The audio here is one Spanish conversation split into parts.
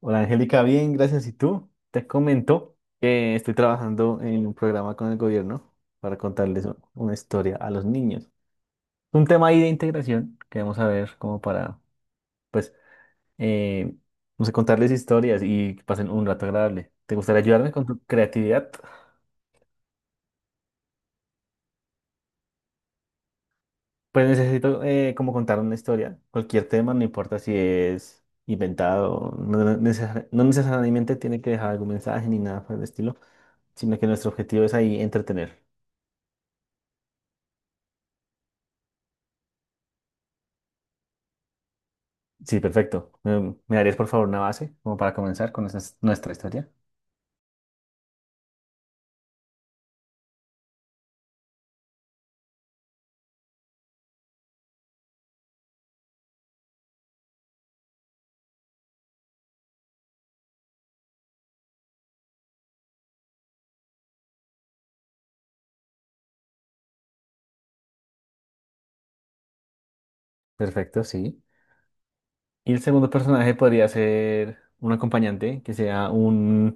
Hola Angélica, bien, gracias. ¿Y tú? Te comento que estoy trabajando en un programa con el gobierno para contarles una historia a los niños. Es un tema ahí de integración que vamos a ver como para, pues, eh, no sé, contarles historias y que pasen un rato agradable. ¿Te gustaría ayudarme con tu creatividad? Pues necesito como contar una historia, cualquier tema, no importa si es inventado, no, no necesariamente tiene que dejar algún mensaje ni nada por el estilo, sino que nuestro objetivo es ahí entretener. Sí, perfecto. Mm, ¿me darías por favor una base como para comenzar con nuestra historia? Perfecto, sí. Y el segundo personaje podría ser un acompañante que sea un,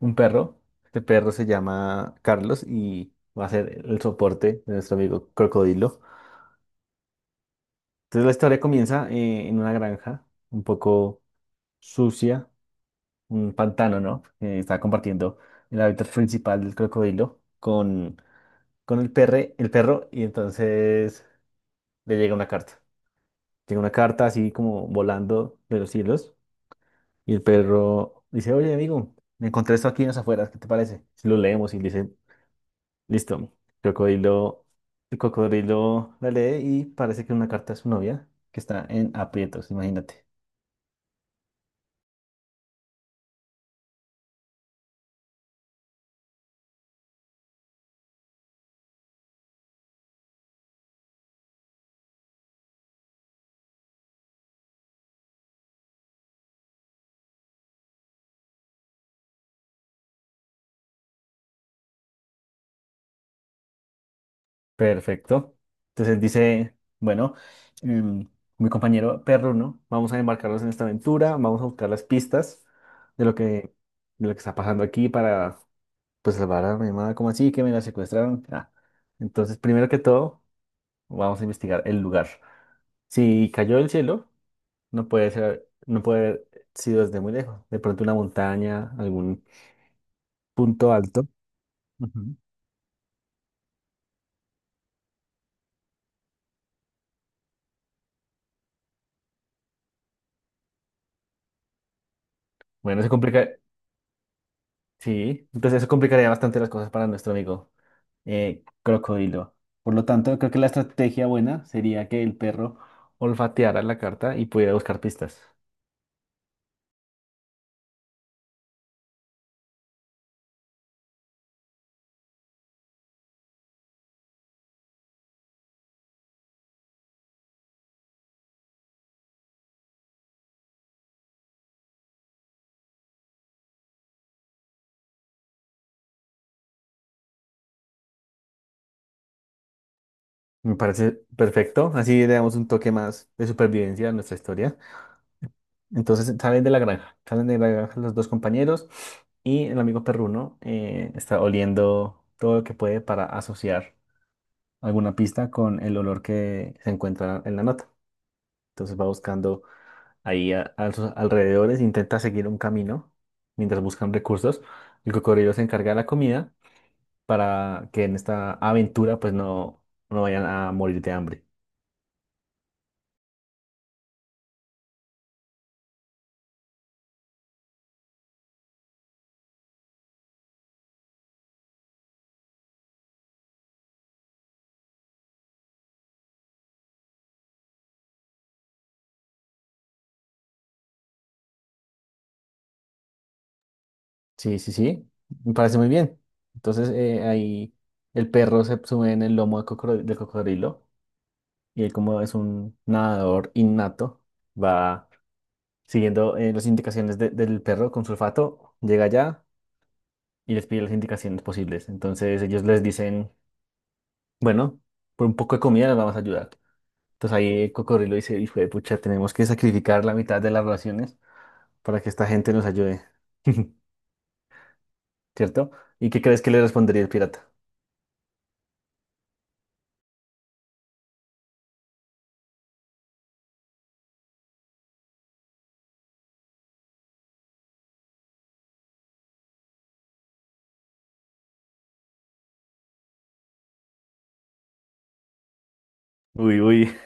un perro. Este perro se llama Carlos y va a ser el soporte de nuestro amigo Crocodilo. Entonces la historia comienza en una granja un poco sucia, un pantano, ¿no? Está compartiendo el hábitat principal del crocodilo con, el perro y entonces le llega una carta. Llega una carta así como volando de los cielos y el perro dice, oye amigo, me encontré esto aquí en las afueras, ¿qué te parece? Si lo leemos y dice, listo, crocodilo, el cocodrilo la lee y parece que es una carta de su novia que está en aprietos, imagínate. Perfecto. Entonces dice, bueno, em, mi compañero perro, ¿no? Vamos a embarcarnos en esta aventura, vamos a buscar las pistas de lo que está pasando aquí para pues salvar a mi hermana, como así que me la secuestraron. Ah, entonces, primero que todo, vamos a investigar el lugar. Si cayó del cielo, no puede haber sido desde muy lejos. De pronto una montaña, algún punto alto. Ujú. Bueno, sí, entonces eso complicaría bastante las cosas para nuestro amigo crocodilo. Por lo tanto, creo que la estrategia buena sería que el perro olfateara la carta y pudiera buscar pistas. Me parece perfecto. Así le damos un toque más de supervivencia a nuestra historia. Salen de la granja los dos compañeros y el amigo perruno está oliendo todo lo que puede para asociar alguna pista con el olor que se encuentra en la nota. Entonces va buscando ahí a sus alrededores, intenta seguir un camino mientras buscan recursos. El cocodrilo se encarga de la comida para que en esta aventura no vayan a morir de hambre. Sí, sí, sí, me parece muy bien. Entonces ahí el perro se sube en el lomo del cocodrilo y él, como es un nadador innato, va siguiendo las indicaciones del perro con su olfato, llega allá y les pide las indicaciones posibles. Entonces ellos les dicen, bueno, por un poco de comida les vamos a ayudar. Entonces ahí el cocodrilo dice, hijo de pucha, tenemos que sacrificar la mitad de las raciones para que esta gente nos ayude, ¿cierto? ¿Y qué crees que le respondería el pirata? Uy, uy.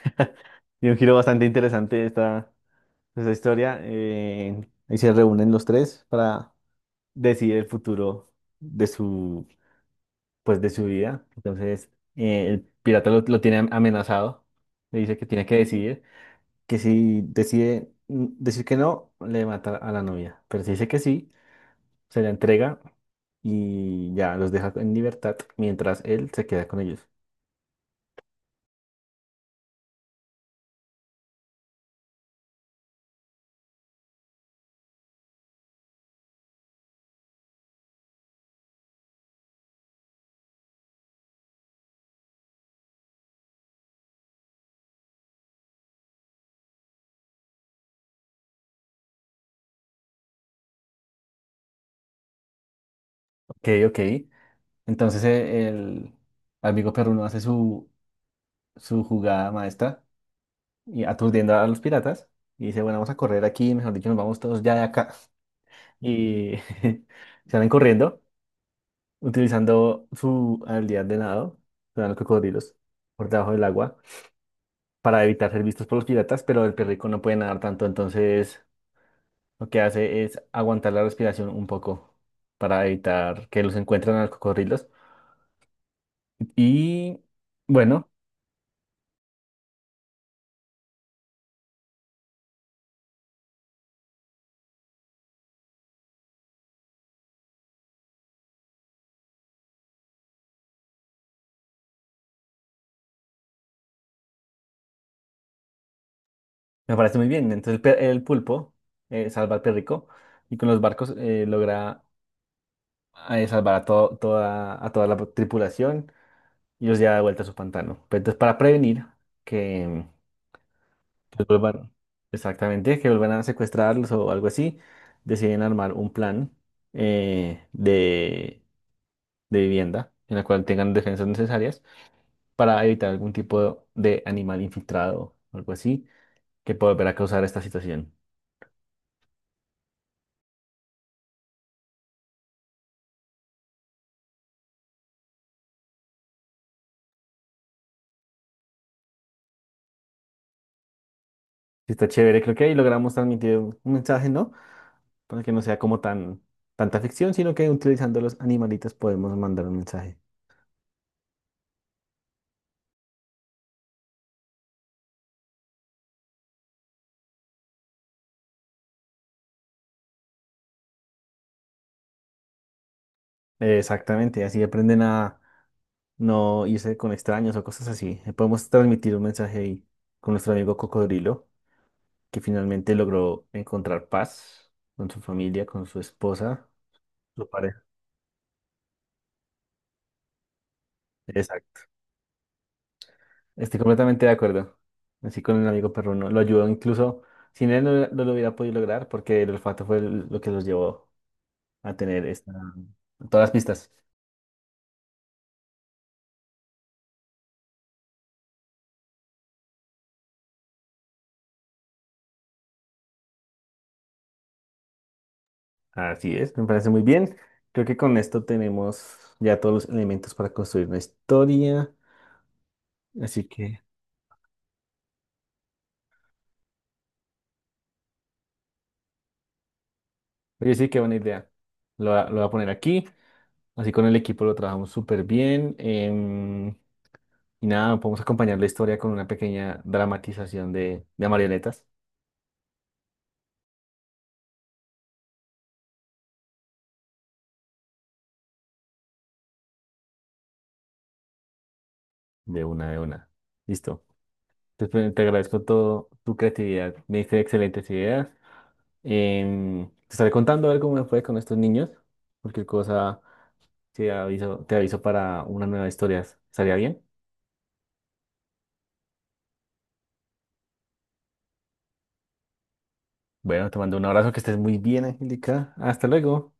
Y un giro bastante interesante esta historia. Eh, ahí se reúnen los tres para decidir el futuro de su, pues, de su vida. Entonces, el pirata lo tiene amenazado. Le dice que tiene que decidir, que si decide, mm, decir que no, le mata a la novia. Pero si dice que sí, se la entrega y ya los deja en libertad mientras él se queda con ellos. Ok, ok. Entonces, el amigo perruno hace su jugada maestra y aturdiendo a los piratas. Y dice, bueno, vamos a correr aquí, mejor dicho, nos vamos todos ya de acá. Y salen corriendo, utilizando su habilidad de nado, se dan los cocodrilos por debajo del agua, para evitar ser vistos por los piratas, pero el perrico no puede nadar tanto, entonces lo que hace es aguantar la respiración un poco para evitar que los encuentren a los cocodrilos. Y bueno, me parece muy bien. Entonces el pulpo salva al perrico y con los barcos logra a salvar a, toda, a toda la tripulación y los lleva de vuelta a su pantano. Pero entonces, para prevenir que, pues, vuelvan, exactamente, que vuelvan a secuestrarlos o algo así, deciden armar un plan eh, de, de vivienda en la cual tengan defensas necesarias para evitar algún tipo de animal infiltrado o algo así que pueda volver a causar esta situación. Sí, está chévere. Creo que ahí logramos transmitir un mensaje, ¿no? Para que no sea como tan tanta ficción, sino que utilizando los animalitos podemos mandar un mensaje. Exactamente, así aprenden a no irse con extraños o cosas así. Podemos transmitir un mensaje ahí con nuestro amigo Cocodrilo, que finalmente logró encontrar paz con su familia, con su esposa, su pareja. Exacto. Estoy completamente de acuerdo. Así con el amigo perruno. Lo ayudó incluso, sin él no lo hubiera podido lograr porque el olfato fue lo que los llevó a tener todas las pistas. Así es, me parece muy bien. Creo que con esto tenemos ya todos los elementos para construir una historia. Así que, oye, sí, qué buena idea. Lo voy a poner aquí. Así con el equipo lo trabajamos súper bien. Em, y nada, podemos acompañar la historia con una pequeña dramatización de marionetas. De una, de una. Listo. Te agradezco todo tu creatividad. Me diste excelentes ideas. Em, te estaré contando a ver cómo me fue con estos niños. Cualquier cosa te aviso para unas nuevas historias. ¿Estaría bien? Bueno, te mando un abrazo, que estés muy bien, Angélica. Hasta luego.